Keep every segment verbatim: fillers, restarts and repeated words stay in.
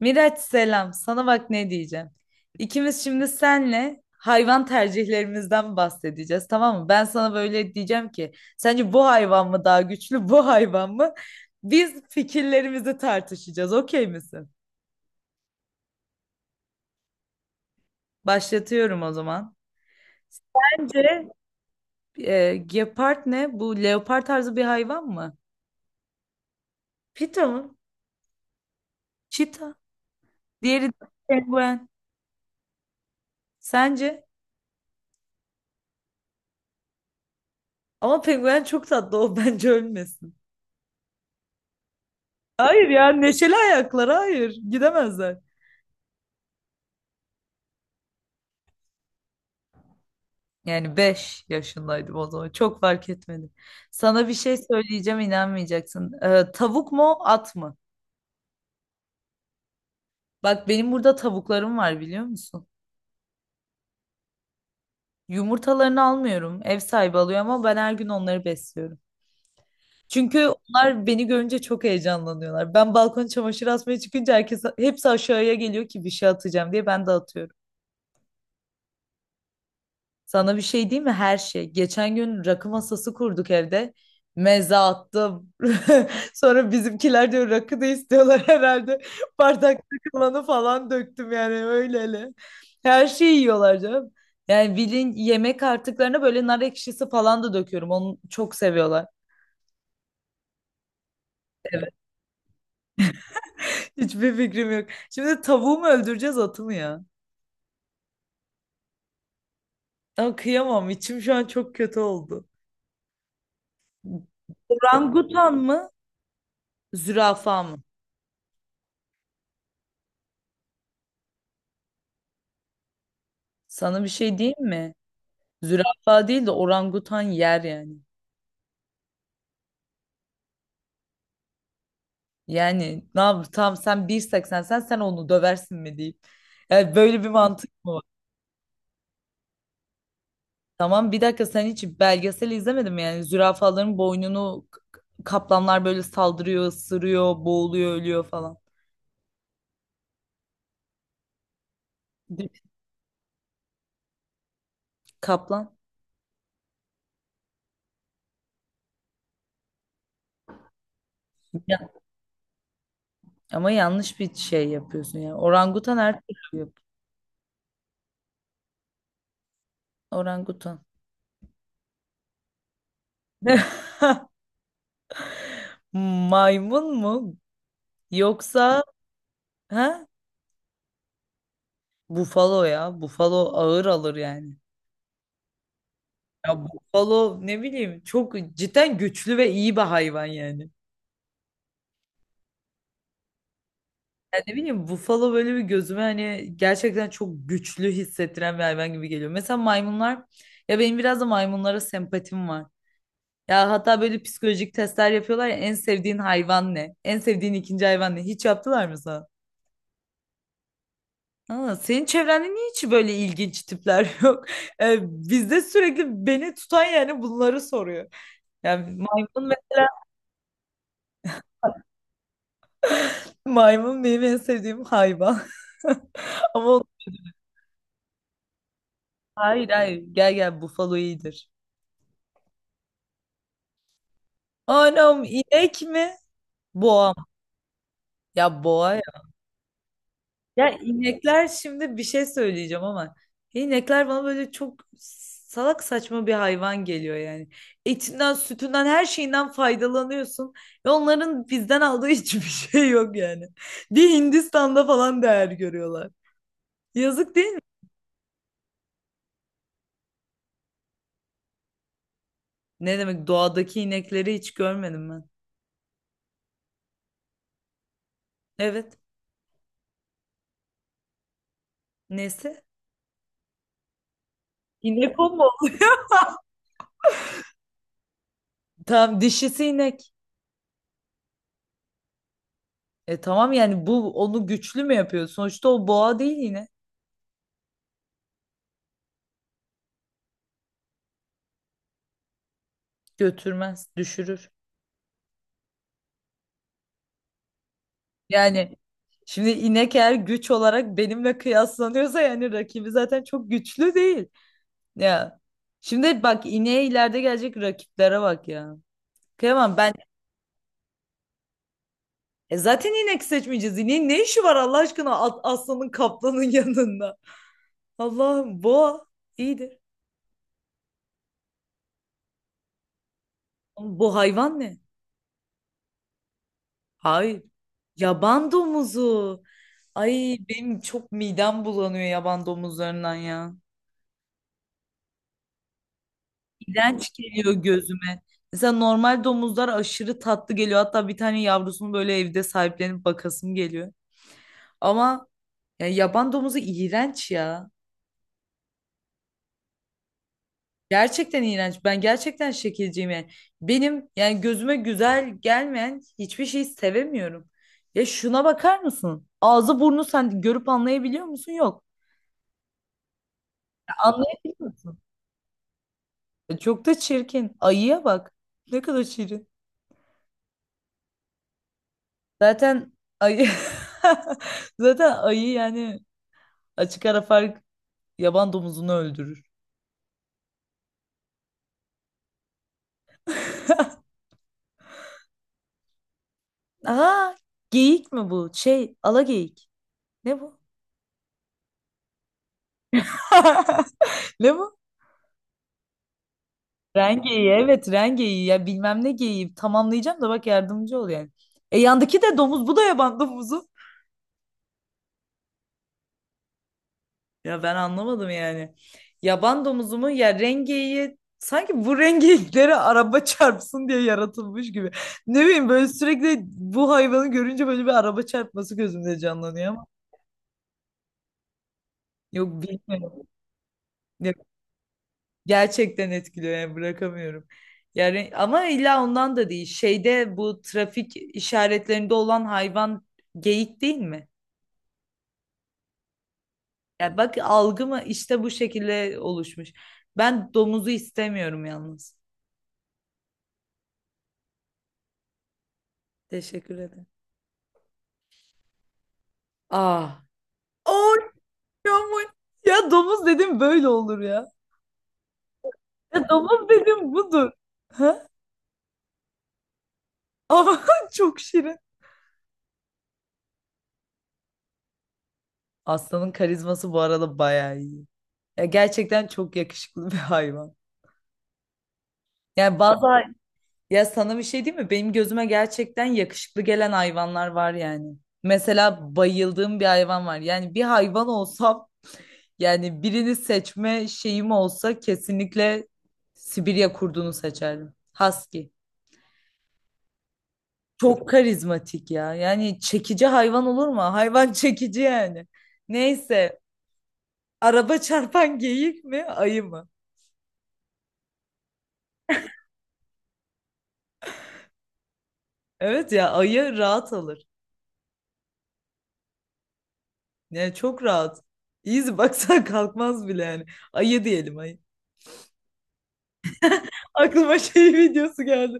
Miraç selam. Sana bak ne diyeceğim. İkimiz şimdi senle hayvan tercihlerimizden bahsedeceğiz, tamam mı? Ben sana böyle diyeceğim ki, sence bu hayvan mı daha güçlü, bu hayvan mı? Biz fikirlerimizi tartışacağız. Okey misin? Başlatıyorum o zaman. Bence e, gepard ne? Bu leopar tarzı bir hayvan mı? Pita mı? Çita. Diğeri de penguen. Sence? Ama penguen çok tatlı o bence ölmesin. Hayır ya, neşeli ayaklar hayır gidemezler. Yani beş yaşındaydım o zaman. Çok fark etmedi. Sana bir şey söyleyeceğim, inanmayacaksın. Ee, tavuk mu at mı? Bak benim burada tavuklarım var, biliyor musun? Yumurtalarını almıyorum. Ev sahibi alıyor ama ben her gün onları besliyorum. Çünkü onlar beni görünce çok heyecanlanıyorlar. Ben balkona çamaşır asmaya çıkınca herkes hepsi aşağıya geliyor ki bir şey atacağım diye, ben de atıyorum. Sana bir şey diyeyim mi? Her şey. Geçen gün rakı masası kurduk evde. Meze attım. Sonra bizimkiler diyor rakı da istiyorlar herhalde. Bardak kalanı falan döktüm yani, öyle hele. Her şeyi yiyorlar canım. Yani bilin, yemek artıklarına böyle nar ekşisi falan da döküyorum. Onu çok seviyorlar. Evet. Hiçbir fikrim yok. Şimdi tavuğu mu öldüreceğiz, atı mı ya? Ama kıyamam. İçim şu an çok kötü oldu. Orangutan mı? Zürafa mı? Sana bir şey diyeyim mi? Zürafa değil de orangutan yer yani. Yani ne yap tamam, sen bir seksen, sen sen onu döversin mi deyip. Yani böyle bir mantık mı var? Tamam bir dakika, sen hiç belgesel izlemedin mi? Yani zürafaların boynunu k- k- kaplanlar böyle saldırıyor, ısırıyor, boğuluyor, ölüyor falan. Bir Kaplan. Ya, ama yanlış bir şey yapıyorsun yani. Orangutan her türlü yap. Orangutan. Maymun mu? Yoksa ha? Bufalo ya. Bufalo ağır alır yani. Ya bufalo, ne bileyim, çok cidden güçlü ve iyi bir hayvan yani. Yani ne bileyim, buffalo böyle bir gözüme, hani gerçekten çok güçlü hissettiren bir hayvan gibi geliyor. Mesela maymunlar, ya benim biraz da maymunlara sempatim var. Ya hatta böyle psikolojik testler yapıyorlar ya, en sevdiğin hayvan ne? En sevdiğin ikinci hayvan ne? Hiç yaptılar mı sana? Aa, senin çevrende niye hiç böyle ilginç tipler yok? Ee, bizde sürekli beni tutan yani bunları soruyor. Yani maymun ve maymun benim en sevdiğim hayvan. Ama Hayır hayır, gel gel, bufalo iyidir. Anam inek mi? Boğa mı? Ya boğa ya. Ya inekler, şimdi bir şey söyleyeceğim ama inekler bana böyle çok salak saçma bir hayvan geliyor yani. Etinden, sütünden, her şeyinden faydalanıyorsun. Ve onların bizden aldığı hiçbir şey yok yani. Bir Hindistan'da falan değer görüyorlar. Yazık değil mi? Ne demek, doğadaki inekleri hiç görmedim ben. Evet. Nesi? İnek o mu? Oluyor? Tamam, dişisi inek. E tamam, yani bu onu güçlü mü yapıyor? Sonuçta o boğa değil yine. Götürmez, düşürür. Yani şimdi inek eğer güç olarak benimle kıyaslanıyorsa, yani rakibi zaten çok güçlü değil. Ya şimdi bak, ineğe ileride gelecek rakiplere bak ya. Kıyamam ben, e zaten inek seçmeyeceğiz. İneğin ne işi var Allah aşkına at- aslanın kaplanın yanında. Allah'ım, boğa iyidir. Ama bu hayvan ne? Hayır. Yaban domuzu. Ay, benim çok midem bulanıyor yaban domuzlarından ya. İğrenç geliyor gözüme. Mesela normal domuzlar aşırı tatlı geliyor. Hatta bir tane yavrusunu böyle evde sahiplenip bakasım geliyor. Ama ya, yaban domuzu iğrenç ya. Gerçekten iğrenç. Ben gerçekten şekilciyim yani. Benim yani gözüme güzel gelmeyen hiçbir şeyi sevemiyorum. Ya şuna bakar mısın? Ağzı burnu sen görüp anlayabiliyor musun? Yok. Ya, anlayabiliyor musun? E, çok da çirkin. Ayıya bak. Ne kadar şirin. Zaten ayı zaten ayı yani, açık ara fark, yaban domuzunu öldürür. Aa, geyik mi bu? Şey, ala geyik. Ne bu? Ne bu? Rengeyi, evet rengeyi ya, bilmem ne geyiği, tamamlayacağım da bak, yardımcı ol yani. E yandaki de domuz, bu da yaban domuzu. Ya ben anlamadım yani. Yaban domuzu mu? Ya rengeyi, sanki bu rengeyiklere araba çarpsın diye yaratılmış gibi. Ne bileyim, böyle sürekli bu hayvanı görünce böyle bir araba çarpması gözümde canlanıyor ama yok, bilmiyorum. Yok, gerçekten etkiliyor yani, bırakamıyorum. Yani ama illa ondan da değil. Şeyde, bu trafik işaretlerinde olan hayvan geyik değil mi? Ya bak, algıma işte bu şekilde oluşmuş. Ben domuzu istemiyorum yalnız. Teşekkür ederim. Aa. Oy aman. Ya domuz dedim, böyle olur ya. Ya domuz dedim budur. Ha? Ama çok şirin. Aslanın karizması bu arada bayağı iyi. Ya gerçekten çok yakışıklı bir hayvan. Yani bazı, ya sana bir şey diyeyim mi? Benim gözüme gerçekten yakışıklı gelen hayvanlar var yani. Mesela bayıldığım bir hayvan var. Yani bir hayvan olsam, yani birini seçme şeyim olsa kesinlikle Sibirya kurdunu seçerdim. Husky. Çok karizmatik ya. Yani çekici hayvan olur mu? Hayvan çekici yani. Neyse. Araba çarpan geyik mi? Ayı mı? Evet ya, ayı rahat alır. Yani çok rahat. İyiyiz, baksan kalkmaz bile yani. Ayı diyelim, ayı. Aklıma şey videosu geldi.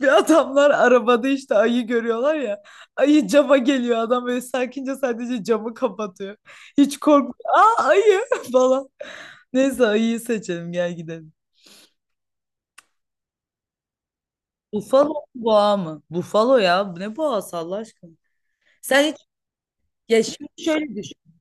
Bir adamlar arabada işte ayı görüyorlar ya. Ayı cama geliyor, adam böyle sakince sadece camı kapatıyor. Hiç korkmuyor. Aa ayı falan. Neyse, ayıyı seçelim, gel gidelim. Bufalo mu, boğa mı? Bufalo ya. Bu ne boğası Allah aşkına? Sen hiç ya şimdi şöyle düşün.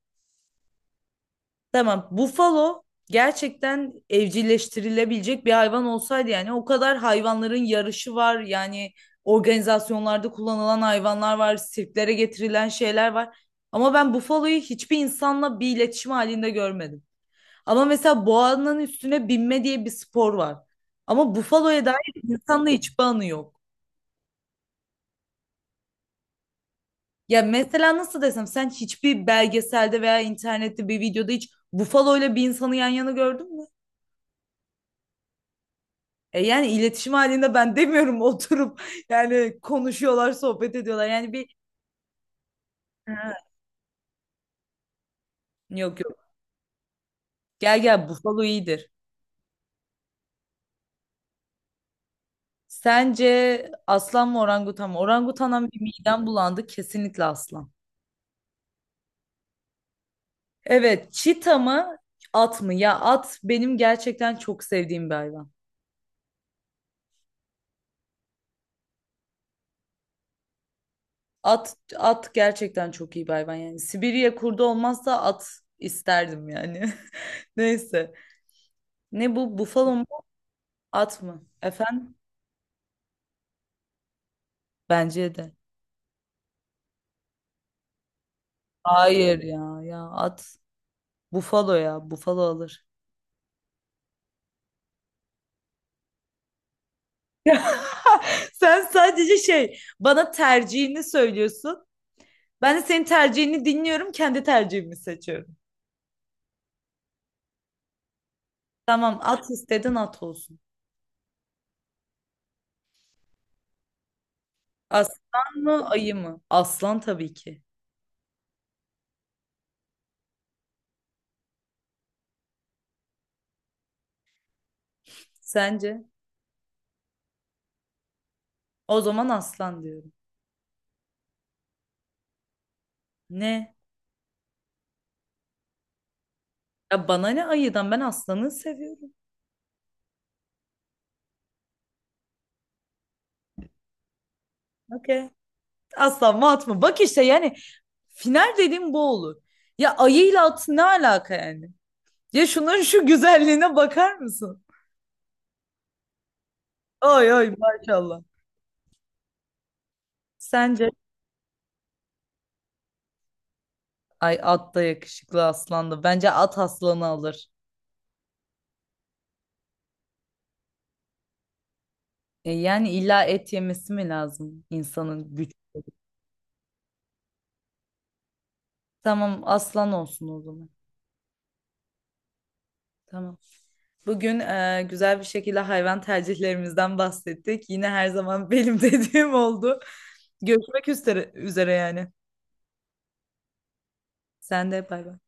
Tamam. Bufalo gerçekten evcilleştirilebilecek bir hayvan olsaydı, yani o kadar hayvanların yarışı var. Yani organizasyonlarda kullanılan hayvanlar var, sirklere getirilen şeyler var. Ama ben bufaloyu hiçbir insanla bir iletişim halinde görmedim. Ama mesela boğanın üstüne binme diye bir spor var. Ama bufaloya dair insanla hiçbir anı yok. Ya mesela nasıl desem, sen hiçbir belgeselde veya internette bir videoda hiç bufalo bir insanı yan yana gördün mü? E yani iletişim halinde ben demiyorum oturup yani konuşuyorlar, sohbet ediyorlar. Yani bir Ha. Yok, yok. Gel gel, bufalo iyidir. Sence aslan mı, orangutan mı? Orangutandan bir midem bulandı. Kesinlikle aslan. Evet, çita mı at mı? Ya at benim gerçekten çok sevdiğim bir hayvan. At, at gerçekten çok iyi bir hayvan yani. Sibirya kurdu olmazsa at isterdim yani. Neyse. Ne bu, bufalo mu at mı? Efendim? Bence de. Hayır ya ya at. Bufalo ya, bufalo alır. Sen sadece şey, bana tercihini söylüyorsun. Ben de senin tercihini dinliyorum, kendi tercihimi seçiyorum. Tamam, at istedin at olsun. Aslan mı, ayı mı? Aslan tabii ki. Sence? O zaman aslan diyorum. Ne? Ya bana ne ayıdan, ben aslanı seviyorum. Okey. Aslan mı at mı? Bak işte yani, final dediğim bu olur. Ya ayıyla at ne alaka yani? Ya şunların şu güzelliğine bakar mısın? Ay ay maşallah. Sence? Ay at da yakışıklı, aslan da. Bence at aslanı alır. E yani illa et yemesi mi lazım insanın güç? Tamam aslan olsun o zaman. Tamam. Bugün e, güzel bir şekilde hayvan tercihlerimizden bahsettik. Yine her zaman benim dediğim oldu. Görüşmek üzere, üzere yani. Sen de bay bay.